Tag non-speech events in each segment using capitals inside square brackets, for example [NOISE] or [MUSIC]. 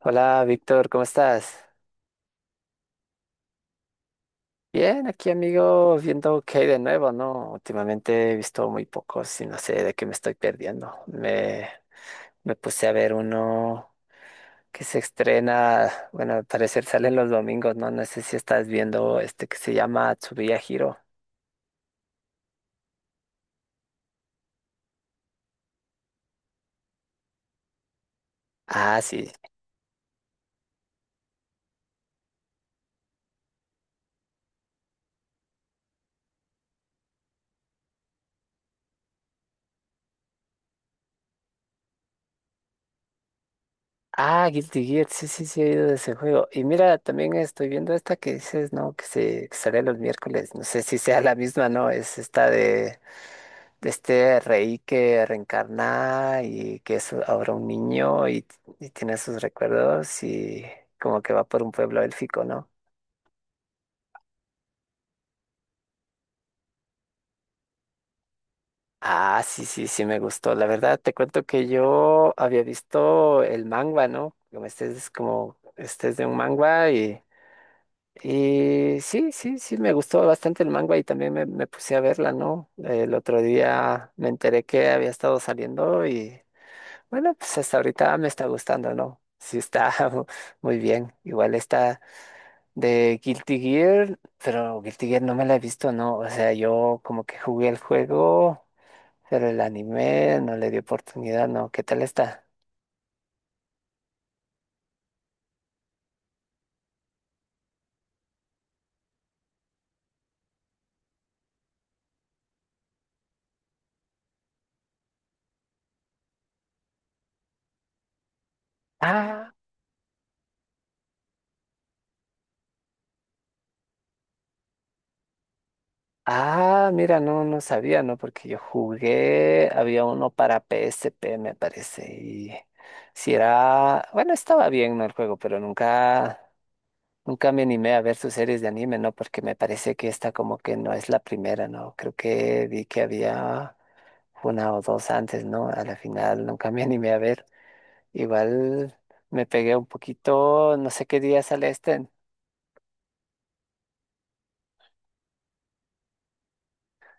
Hola, Víctor, ¿cómo estás? Bien, aquí amigo, viendo qué hay de nuevo, ¿no? Últimamente he visto muy pocos y no sé de qué me estoy perdiendo. Me puse a ver uno que se estrena, bueno, al parecer salen los domingos, ¿no? No sé si estás viendo este que se llama Tsubuya Hero. Ah, sí. Ah, Guilty Gear, sí, sí, sí, he oído de ese juego. Y mira, también estoy viendo esta que dices, ¿no? Que sale los miércoles. No sé si sea la misma, ¿no? Es esta de este rey que reencarna y que es ahora un niño y tiene sus recuerdos y como que va por un pueblo élfico, ¿no? Ah, sí, sí, sí, me gustó. La verdad, te cuento que yo había visto el manga, ¿no? Como este es de un manga y sí, sí, sí, me gustó bastante el manga y también me puse a verla, ¿no? El otro día me enteré que había estado saliendo y bueno, pues hasta ahorita me está gustando, ¿no? Sí está [LAUGHS] muy bien. Igual está de Guilty Gear, pero Guilty Gear no me la he visto, ¿no? O sea, yo como que jugué el juego, pero el anime no le di oportunidad, ¿no? ¿Qué tal está? Ah, ah, mira, no, no sabía, ¿no? Porque yo jugué, había uno para PSP, me parece, y si era, bueno, estaba bien, ¿no? El juego, pero nunca me animé a ver sus series de anime, ¿no? Porque me parece que esta como que no es la primera, ¿no? Creo que vi que había una o dos antes, ¿no? A la final nunca me animé a ver. Igual me pegué un poquito, no sé qué día sale este,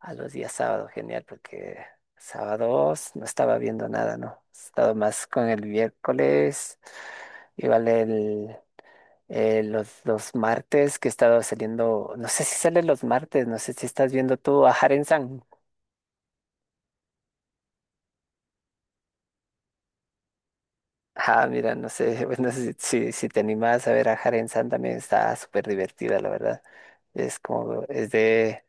a los días sábado genial, porque sábados no estaba viendo nada, ¿no? He estado más con el miércoles, igual el los martes que he estado saliendo, no sé si sale los martes, no sé si estás viendo tú a Haren-san. Ah, mira, no sé, [LAUGHS] bueno, si te animas a ver a Haren San también está súper divertida, la verdad. Es de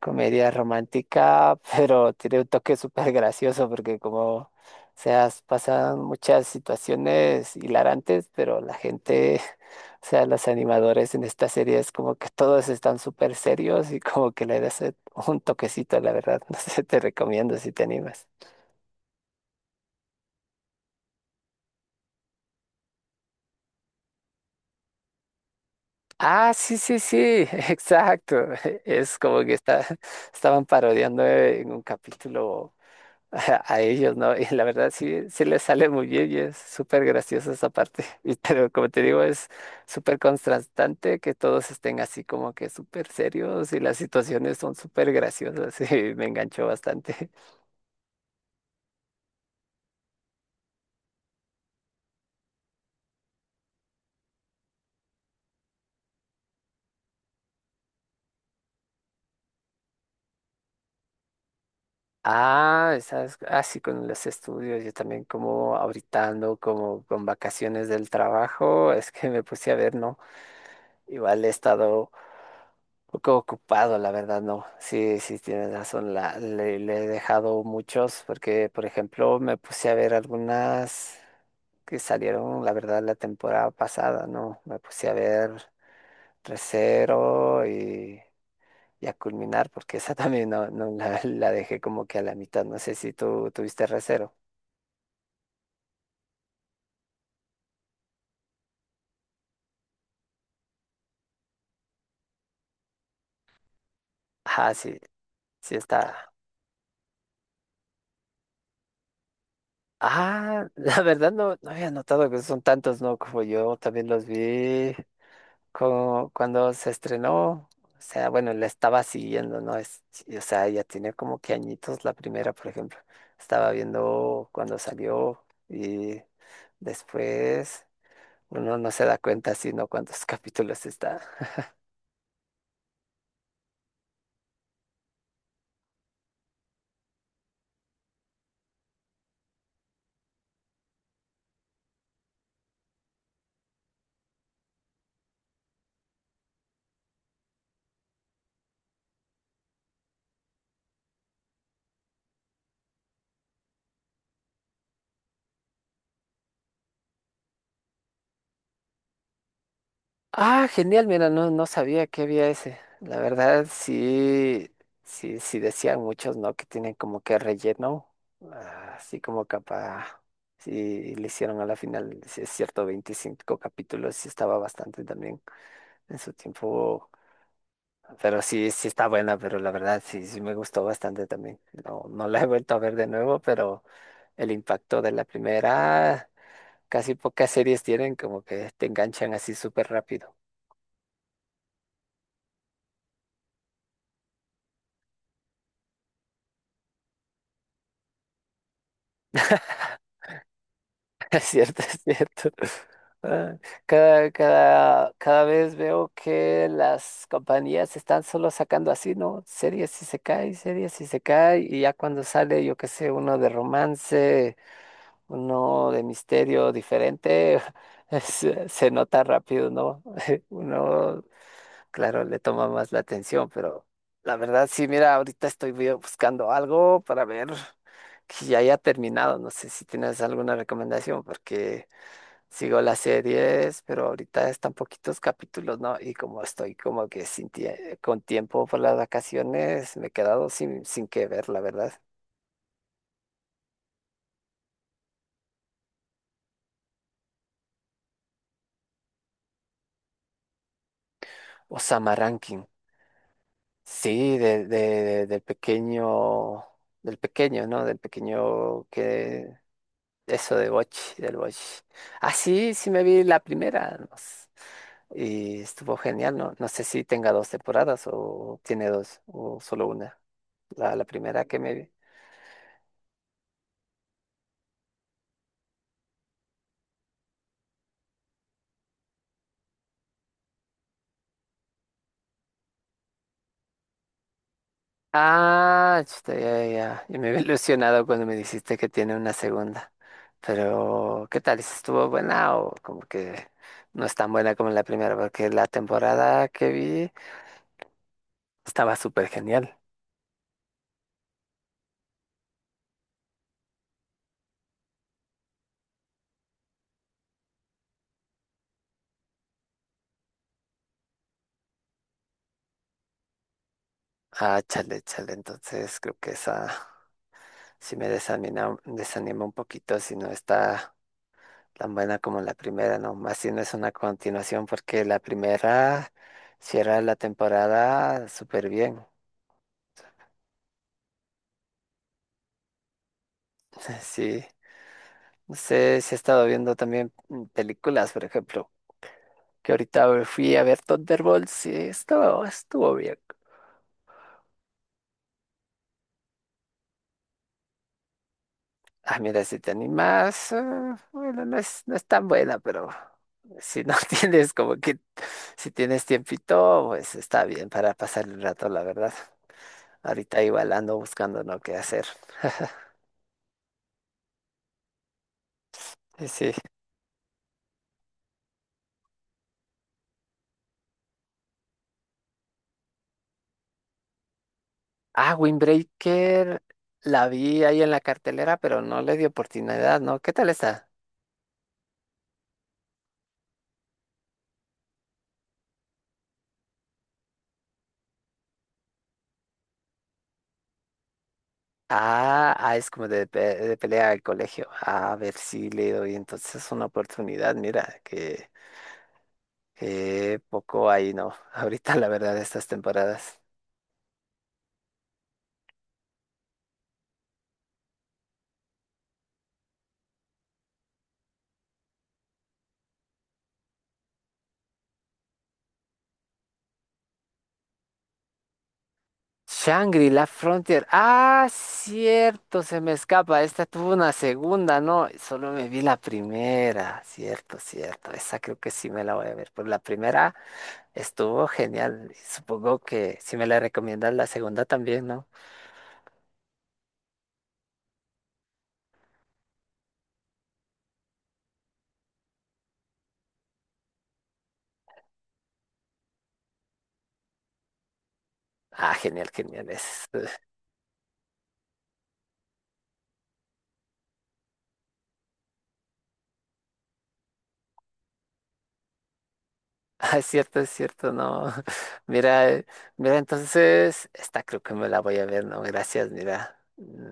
comedia romántica, [LAUGHS] pero tiene un toque súper gracioso porque como, o sea, pasan muchas situaciones hilarantes, pero la gente, [LAUGHS] o sea, los animadores en esta serie es como que todos están súper serios y como que le das un toquecito, la verdad. [LAUGHS] No sé, te recomiendo si te animas. Ah, sí, sí, sí, [LAUGHS] exacto. Es como que estaban parodiando en un capítulo a ellos, ¿no? Y la verdad sí, sí les sale muy bien y es súper graciosa esa parte. [LAUGHS] Y, pero como te digo, es súper contrastante que todos estén así como que súper serios y las situaciones son súper graciosas [LAUGHS] y me enganchó bastante. Ah, ¿sabes? Así con los estudios, yo también como ahorita ando como con vacaciones del trabajo, es que me puse a ver, ¿no? Igual he estado un poco ocupado, la verdad, no. Sí, sí, tienes razón. Le he dejado muchos porque, por ejemplo, me puse a ver algunas que salieron, la verdad, la temporada pasada, ¿no? Me puse a ver Recero y a culminar porque esa [LAUGHS] también no la dejé como que a la mitad. No sé si tú tuviste Recero. Ah, sí, sí está. Ah, [LAUGHS] la verdad no, no había notado que son tantos, ¿no? Como yo también los vi cuando se estrenó, o sea, bueno, la estaba siguiendo, ¿no? Sí, o sea, ya tenía como que añitos la primera, por ejemplo. Estaba viendo cuando salió y después uno no se da cuenta sino cuántos [LAUGHS] capítulos está. Ah, genial, mira, no, no sabía que había ese. La verdad, sí, sí, sí decían muchos, ¿no? Que tienen como que relleno, ah, así como capa, sí, le hicieron a la final, si es cierto, 25 capítulos, sí estaba bastante también en su tiempo, pero sí, sí está buena, pero la verdad, sí, sí me gustó bastante también. No, no la he vuelto a ver de nuevo, pero el impacto de la primera, casi pocas series tienen como que te enganchan así súper rápido. [LAUGHS] Es cierto, es cierto. Ah, Cada vez veo que las compañías están solo sacando así, ¿no? Series y se cae, series y se cae, y ya cuando sale, yo qué sé, uno de romance, uno de misterio diferente, [LAUGHS] se nota rápido, ¿no? [LAUGHS] Uno, claro, le toma más la atención, pero la verdad, sí, mira, ahorita estoy buscando algo para ver que ya haya terminado. No sé si tienes alguna recomendación, porque sigo las series, pero ahorita están poquitos capítulos, ¿no? Y como estoy como que sin tie- con tiempo por las vacaciones, me he quedado sin qué ver, la verdad. Osama Rankin, sí, del pequeño, ¿no? Del pequeño que eso de Boch, del Boch. Ah, sí, sí me vi la primera, no s- y estuvo genial, ¿no? No sé si tenga dos temporadas o tiene dos, o solo una, la primera que me vi. Ah, chuta, ya, ya. Yo me había ilusionado cuando me dijiste que tiene una segunda. Pero, ¿qué tal? ¿Si ¿Estuvo buena o como que no es tan buena como la primera? Porque la temporada que vi estaba súper genial. Ah, chale, chale. Entonces creo que esa sí me desanima un poquito si no está tan buena como la primera, ¿no? Más si no es una continuación porque la primera cierra la temporada súper bien. [LAUGHS] Sí. No sé si he estado viendo también películas, por ejemplo, que ahorita fui a ver Thunderbolts y estuvo bien. Ah, mira, si te animas, ah, bueno, no es tan buena, pero si no [LAUGHS] tienes como que, si tienes tiempito, pues está bien para pasar el rato, la verdad. Ahorita igual ando buscando no qué hacer. Sí, sí. Ah, Windbreaker, la vi ahí en la cartelera, pero no le di oportunidad, ¿no? ¿Qué tal está? Ah, es como de pelea al colegio. A ver si le doy entonces una oportunidad. Mira, que poco ahí no. [LAUGHS] Ahorita, la verdad, estas temporadas. Shangri-La Frontier. Ah, cierto, se me escapa. Esta tuvo una segunda, ¿no? Solo me vi la primera. Cierto, cierto. Esa creo que sí me la voy a ver. Por la primera estuvo genial. Supongo que si me la recomiendas, la segunda también, ¿no? Ah, genial, genial. Es Ah, es cierto, no. [LAUGHS] Mira, entonces, esta creo que me la voy a ver, no, gracias, mira.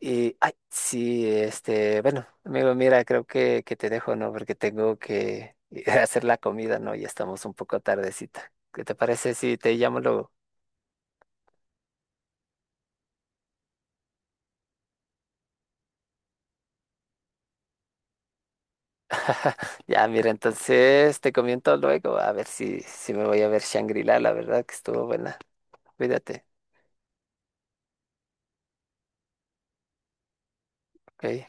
Y, ay, sí, este, bueno, amigo, mira, creo que te dejo, ¿no? Porque tengo que [LAUGHS] ir a hacer la comida, ¿no? Ya estamos un poco tardecita. ¿Qué te parece si te llamo luego? Ya, mira, entonces te comento luego, a ver si me voy a ver Shangri-La, la verdad que estuvo buena. Cuídate, ¿ok?